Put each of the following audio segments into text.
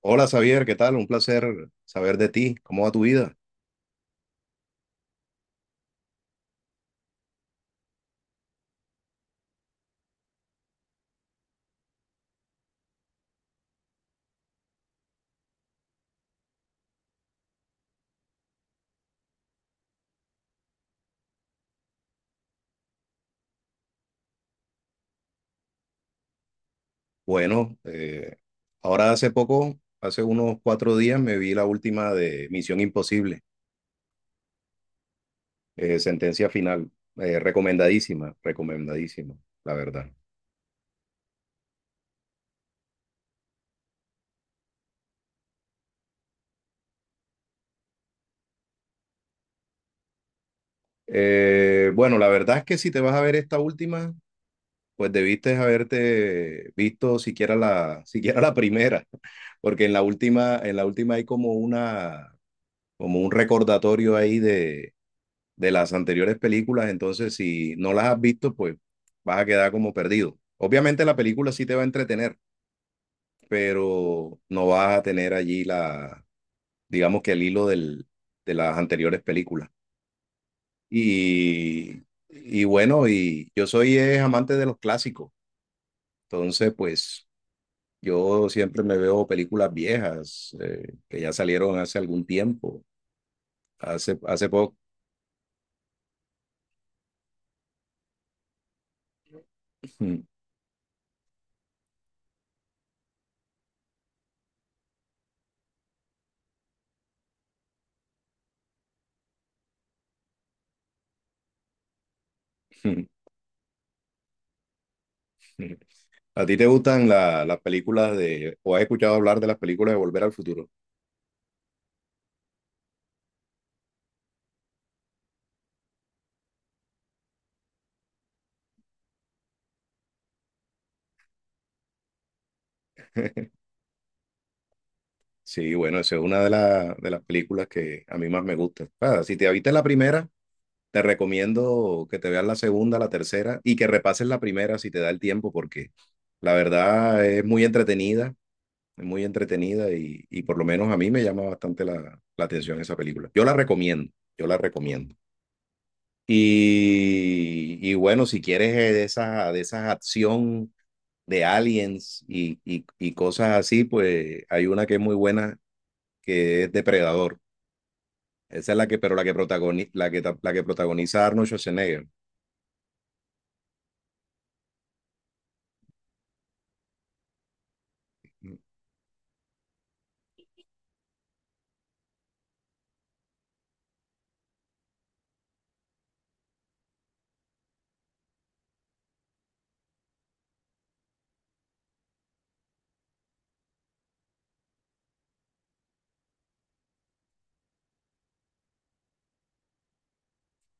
Hola Xavier, ¿qué tal? Un placer saber de ti. ¿Cómo va tu vida? Bueno, ahora hace poco, hace unos cuatro días, me vi la última de Misión Imposible, Sentencia Final. Recomendadísima, la verdad. Bueno, la verdad es que si te vas a ver esta última, pues debiste haberte visto siquiera la primera, porque en la última hay como un recordatorio ahí de las anteriores películas. Entonces, si no las has visto, pues vas a quedar como perdido. Obviamente la película sí te va a entretener, pero no vas a tener allí digamos que el hilo de las anteriores películas. Y, y bueno, y yo soy amante de los clásicos, entonces pues yo siempre me veo películas viejas que ya salieron hace algún tiempo, hace poco. ¿A ti te gustan las películas de, o has escuchado hablar de las películas de Volver al Futuro? Sí, bueno, esa es una de las películas que a mí más me gusta. Ah, si te viste la primera, te recomiendo que te veas la segunda, la tercera y que repases la primera si te da el tiempo, porque la verdad es muy entretenida y por lo menos a mí me llama bastante la atención esa película. Yo la recomiendo, yo la recomiendo. Y bueno, si quieres de esa acción, de aliens y cosas así, pues hay una que es muy buena, que es Depredador. Esa es la que, pero la que protagoniza, la que protagoniza Arnold Schwarzenegger.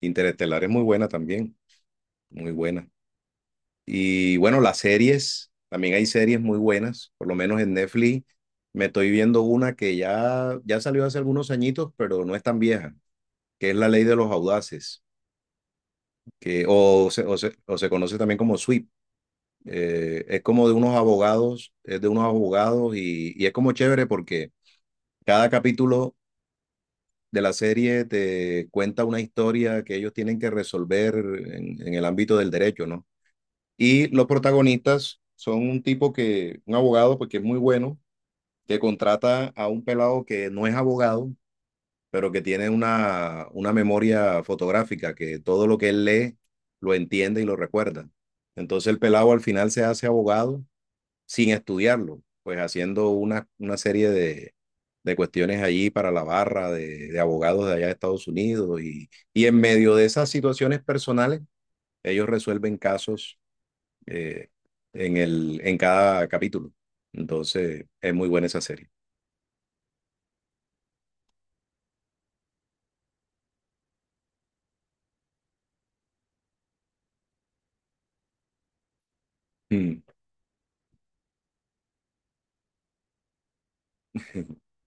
Interestelar es muy buena también, muy buena. Y bueno, las series, también hay series muy buenas. Por lo menos en Netflix me estoy viendo una que ya salió hace algunos añitos, pero no es tan vieja, que es La Ley de los Audaces, que, o, se, o se, o se conoce también como Sweep. Es como de unos abogados, es de unos abogados y es como chévere porque cada capítulo de la serie te cuenta una historia que ellos tienen que resolver en el ámbito del derecho, ¿no? Y los protagonistas son un abogado, porque es muy bueno, que contrata a un pelado que no es abogado, pero que tiene una memoria fotográfica, que todo lo que él lee lo entiende y lo recuerda. Entonces el pelado al final se hace abogado sin estudiarlo, pues haciendo una serie de cuestiones allí para la barra de abogados de allá de Estados Unidos, y en medio de esas situaciones personales, ellos resuelven casos eh, en cada capítulo. Entonces, es muy buena esa serie. Mm.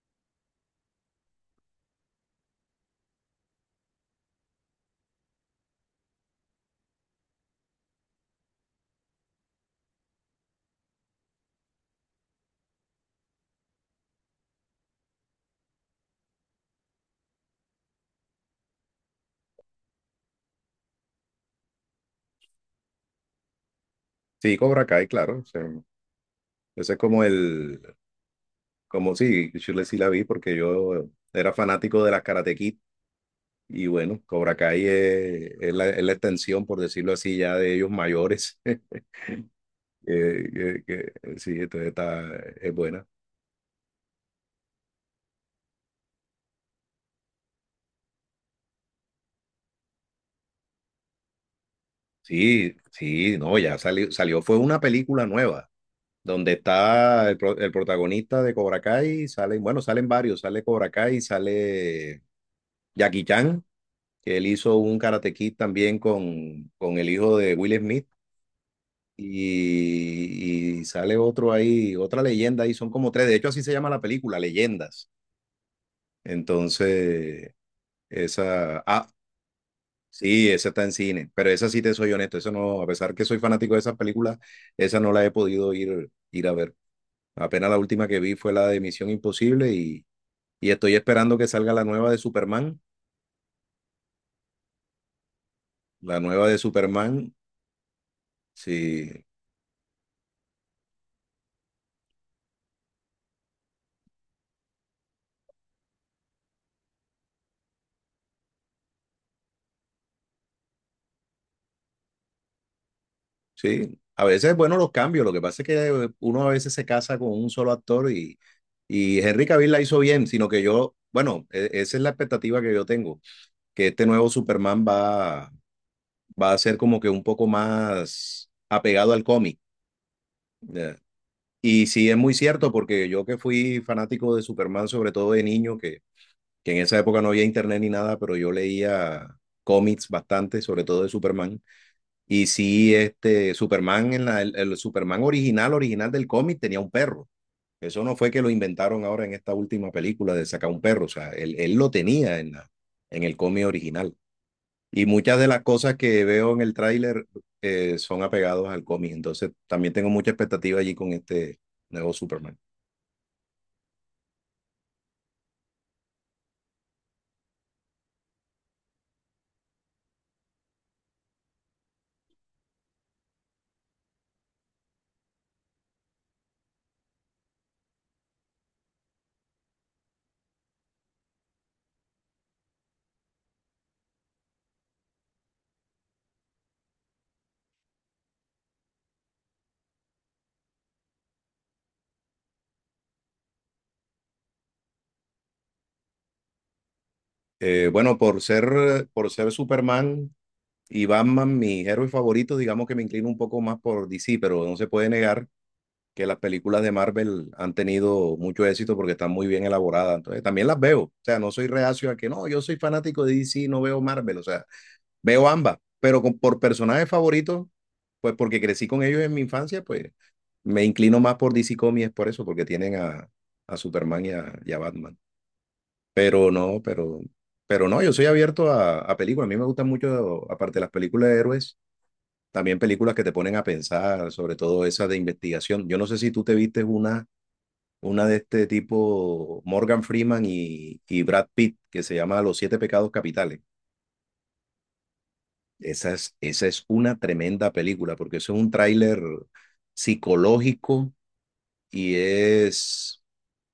Sí, Cobra Kai, claro. O sea, ese es como el, como sí, yo sí la vi porque yo era fanático de las Karate Kid. Y bueno, Cobra Kai es la extensión, por decirlo así, ya de ellos mayores. que- sí, entonces está, es buena. Sí, sí, no, ya salió, salió. Fue una película nueva, donde está el protagonista de Cobra Kai. Salen, bueno, salen varios, sale Cobra Kai, sale Jackie Chan, que él hizo un Karate Kid también con el hijo de Will Smith. Y sale otro ahí, otra leyenda, y son como tres. De hecho así se llama la película, Leyendas. Entonces, esa, ah, sí, esa está en cine, pero esa, sí te soy honesto, esa no, a pesar que soy fanático de esas películas, esa no la he podido ir, ir a ver. Apenas la última que vi fue la de Misión Imposible, y estoy esperando que salga la nueva de Superman, la nueva de Superman, sí, sí. A veces, bueno, los cambios, lo que pasa es que uno a veces se casa con un solo actor, y Henry Cavill la hizo bien, sino que yo, bueno, esa es la expectativa que yo tengo, que este nuevo Superman va a ser como que un poco más apegado al cómic. ¿Ya? Y sí, es muy cierto, porque yo que fui fanático de Superman, sobre todo de niño, que en esa época no había internet ni nada, pero yo leía cómics bastante, sobre todo de Superman. Y sí, este Superman, el Superman original, original del cómic, tenía un perro. Eso no fue que lo inventaron ahora en esta última película de sacar un perro. O sea, él lo tenía en el cómic original. Y muchas de las cosas que veo en el tráiler son apegados al cómic. Entonces también tengo mucha expectativa allí con este nuevo Superman. Bueno, por ser Superman y Batman mis héroes favoritos, digamos que me inclino un poco más por DC, pero no se puede negar que las películas de Marvel han tenido mucho éxito porque están muy bien elaboradas. Entonces, también las veo. O sea, no soy reacio a que no, yo soy fanático de DC, no veo Marvel. O sea, veo ambas, pero por personajes favoritos, pues porque crecí con ellos en mi infancia, pues me inclino más por DC Comics por eso, porque tienen a Superman y y a Batman. Pero no, pero, pero no, yo soy abierto a películas. A mí me gustan mucho, aparte de las películas de héroes, también películas que te ponen a pensar, sobre todo esas de investigación. Yo no sé si tú te vistes una de este tipo, Morgan Freeman y Brad Pitt, que se llama Los Siete Pecados Capitales. Esa es una tremenda película, porque eso es un tráiler psicológico y es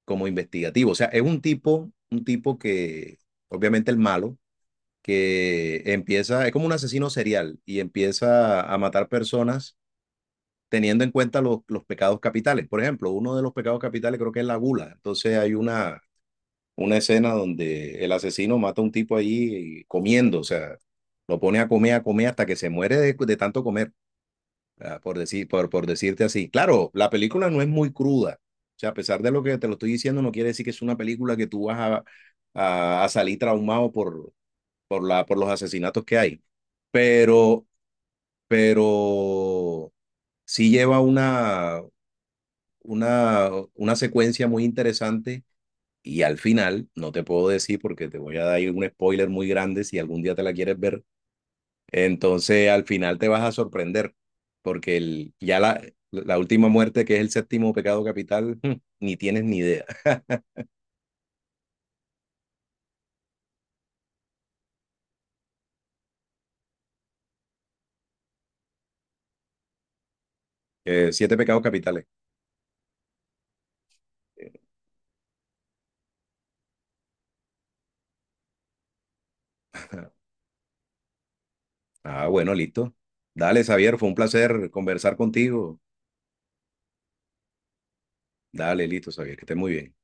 como investigativo. O sea, es un tipo que, obviamente el malo, que empieza, es como un asesino serial y empieza a matar personas teniendo en cuenta los pecados capitales. Por ejemplo, uno de los pecados capitales creo que es la gula. Entonces hay una escena donde el asesino mata a un tipo ahí comiendo. O sea, lo pone a comer hasta que se muere de tanto comer, por decir, por decirte así. Claro, la película no es muy cruda. O sea, a pesar de lo que te lo estoy diciendo, no quiere decir que es una película que tú vas a salir traumado por los asesinatos que hay. Pero, pero sí lleva una secuencia muy interesante. Y al final, no te puedo decir porque te voy a dar un spoiler muy grande si algún día te la quieres ver. Entonces, al final te vas a sorprender, porque la última muerte, que es el séptimo pecado capital, hmm, ni tienes ni idea. Siete Pecados Capitales. Eh, Ah, bueno, listo. Dale, Xavier, fue un placer conversar contigo. Dale, listo, Xavier, que estés muy bien.